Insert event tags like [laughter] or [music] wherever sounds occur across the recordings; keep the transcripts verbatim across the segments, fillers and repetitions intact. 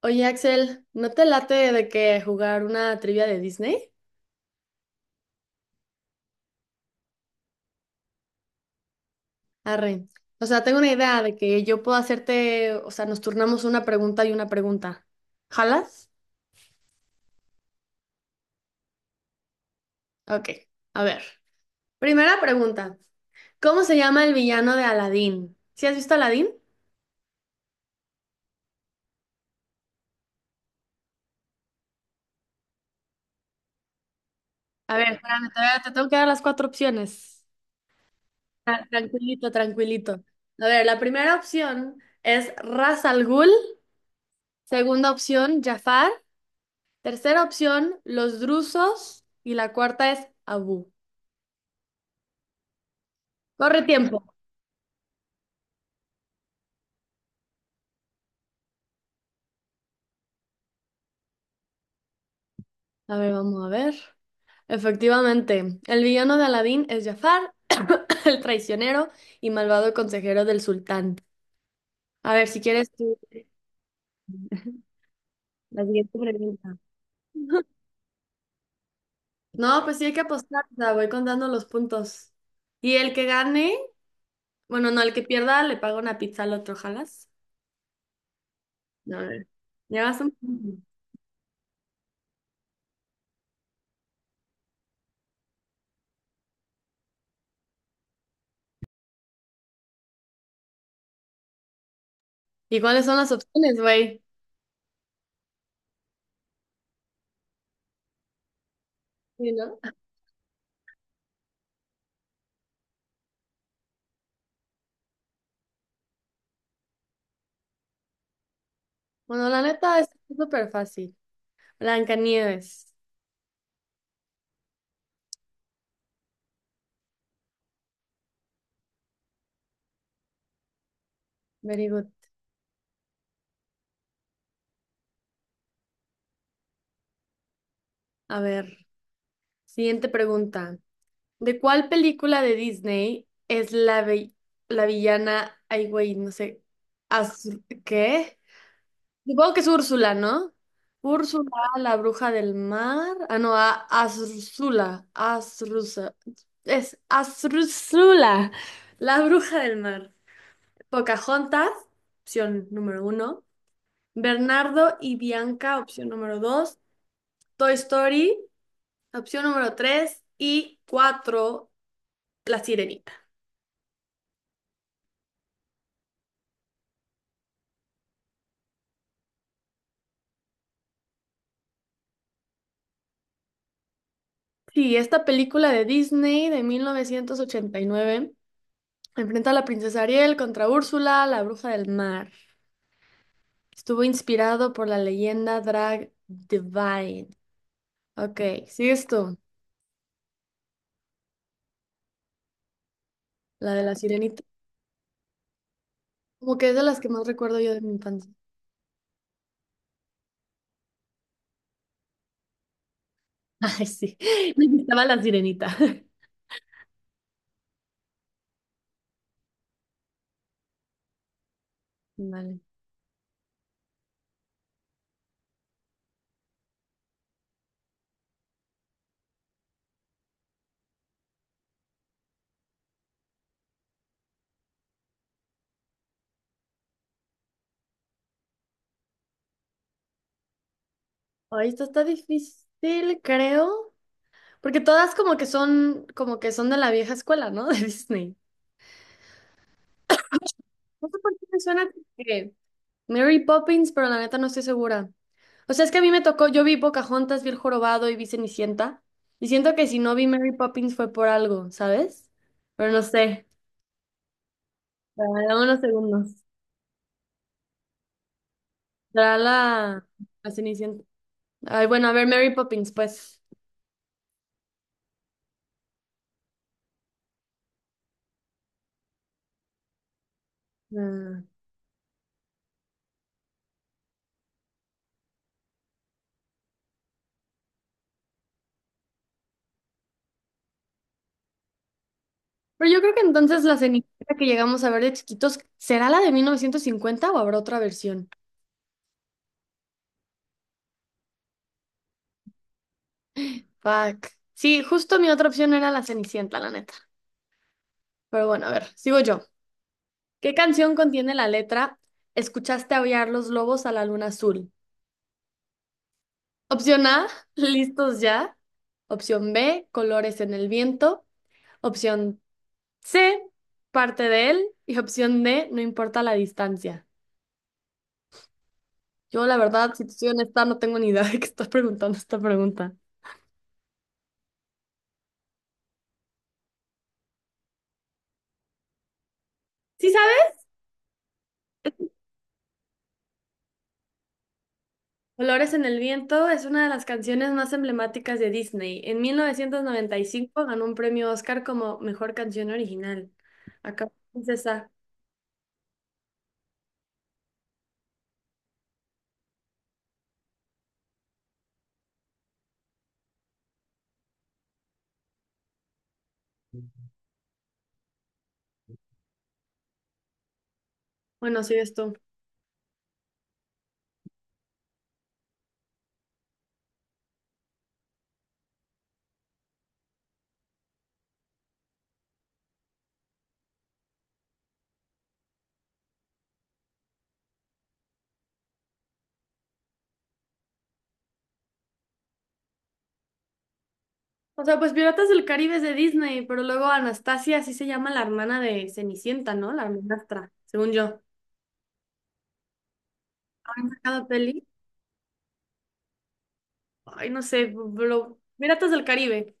Oye, Axel, ¿no te late de que jugar una trivia de Disney? Arre. O sea, tengo una idea de que yo puedo hacerte, o sea, nos turnamos una pregunta y una pregunta. ¿Jalas? Ok, a ver. Primera pregunta. ¿Cómo se llama el villano de Aladdin? ¿Sí has visto Aladdin? A ver, espérame, todavía te tengo que dar las cuatro opciones. Tra- Tranquilito, tranquilito. A ver, la primera opción es Ras Al Ghul. Segunda opción, Jafar. Tercera opción, los drusos. Y la cuarta es Abu. Corre tiempo. A ver, vamos a ver. Efectivamente, el villano de Aladín es Jafar, [coughs] el traicionero y malvado consejero del sultán. A ver, si quieres tú, la siguiente pregunta. No, pues sí hay que apostar, o sea, voy contando los puntos. Y el que gane, bueno, no, el que pierda le paga una pizza al otro, ¿jalas? A ver, llevas un punto. ¿Y cuáles son las opciones, güey? Sí, ¿no? Bueno, la neta es súper fácil. Blancanieves. Very good. A ver, siguiente pregunta. ¿De cuál película de Disney es la, vi- la villana? Ay, güey, no sé. Azur- ¿Qué? Supongo que es Úrsula, ¿no? Úrsula, la bruja del mar. Ah, no, a Azrúzula. Azrúzula. Es Azrúzula, la bruja del mar. Pocahontas, opción número uno. Bernardo y Bianca, opción número dos. Toy Story. Opción número tres y cuatro La Sirenita. Sí, esta película de Disney de mil novecientos ochenta y nueve enfrenta a la princesa Ariel contra Úrsula, la bruja del mar. Estuvo inspirado por la leyenda Drag Divine. Ok, sigues tú, la de La Sirenita. Como que es de las que más recuerdo yo de mi infancia. [laughs] Ay, sí, me gustaba la sirenita. [laughs] Vale. Ay, esto está difícil, creo. Porque todas como que son, como que son de la vieja escuela, ¿no? [laughs] De Disney. No sé por qué me suena que Mary Poppins, pero la neta no estoy segura. O sea, es que a mí me tocó, yo vi Pocahontas, vi El Jorobado y vi Cenicienta. Y siento que si no vi Mary Poppins fue por algo, ¿sabes? Pero no sé. Dame unos segundos. Será la, la Cenicienta. Ay, bueno, a ver, Mary Poppins, pues. Ah. Pero yo creo que entonces la Cenicienta que llegamos a ver de chiquitos, ¿será la de mil novecientos cincuenta o habrá otra versión? Fuck. Sí, justo mi otra opción era la Cenicienta, la neta. Pero bueno, a ver, sigo yo. ¿Qué canción contiene la letra Escuchaste aullar los lobos a la luna azul? Opción A, [laughs] listos ya. Opción B, colores en el viento. Opción C, parte de él. Y opción D, no importa la distancia. Yo, la verdad, si te soy honesta, no tengo ni idea [laughs] de qué estás preguntando esta pregunta. ¿Sí sabes? Colores en el viento es una de las canciones más emblemáticas de Disney. En mil novecientos noventa y cinco ganó un premio Oscar como mejor canción original. Acá, princesa. Bueno, sigues tú. O sea, pues Piratas del Caribe es de Disney, pero luego Anastasia, así se llama la hermana de Cenicienta, ¿no? La hermanastra, según yo. Cada peli. Ay, no sé, pero Piratas del Caribe.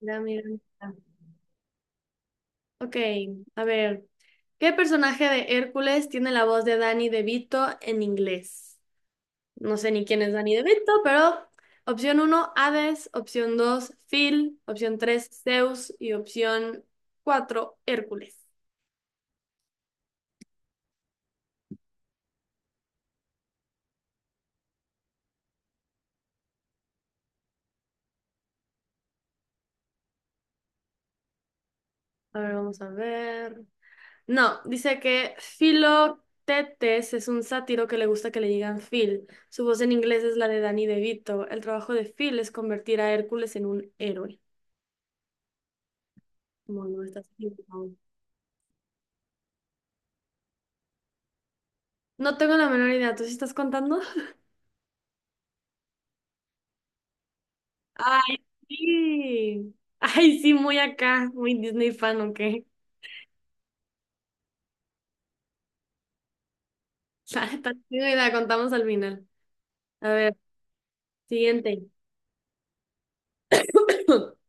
Mira, mira, mira. Ok, a ver. ¿Qué personaje de Hércules tiene la voz de Danny DeVito en inglés? No sé ni quién es Danny DeVito, pero opción uno, Hades, opción dos, Phil, opción tres, Zeus y opción cuatro, Hércules. A ver, vamos a ver. No, dice que Philoctetes es un sátiro que le gusta que le digan Phil. Su voz en inglés es la de Danny DeVito. El trabajo de Phil es convertir a Hércules en un héroe. Bueno, estás equivocado. No tengo la menor idea. ¿Tú sí estás contando? [laughs] Ay, sí. Ay, sí, muy acá. Muy Disney fan, ¿ok? [laughs] La neta, no tengo idea. Contamos al final. A ver, siguiente. [coughs] [clears throat]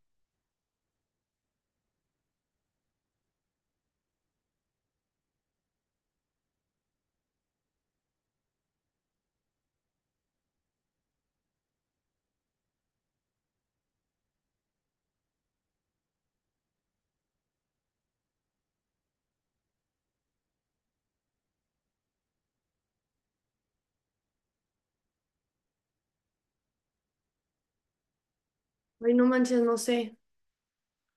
Ay, no manches, no sé.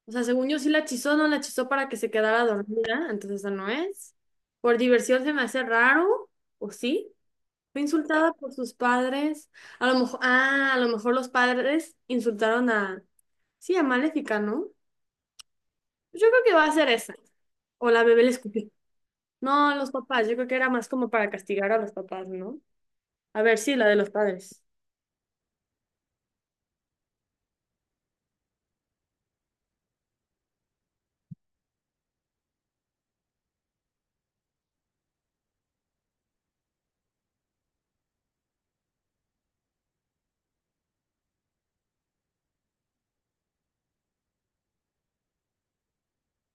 O sea, según yo sí la hechizó, no la hechizó para que se quedara dormida, entonces esa no es. Por diversión se me hace raro, ¿o sí? Fue insultada por sus padres. A lo mejor, ah, a lo mejor los padres insultaron a, sí, a Maléfica, ¿no? Yo creo que va a ser esa. O la bebé le escupió. No, los papás, yo creo que era más como para castigar a los papás, ¿no? A ver, sí, la de los padres.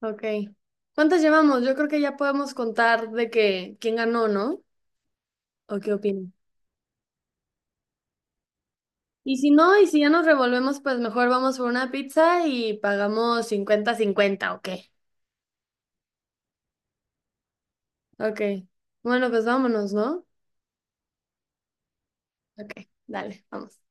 Ok. ¿Cuántas llevamos? Yo creo que ya podemos contar de que quién ganó, ¿no? ¿O qué opinas? Y si no, y si ya nos revolvemos, pues mejor vamos por una pizza y pagamos cincuenta cincuenta, ¿o qué? Ok. Bueno, pues vámonos, ¿no? Ok, dale, vamos.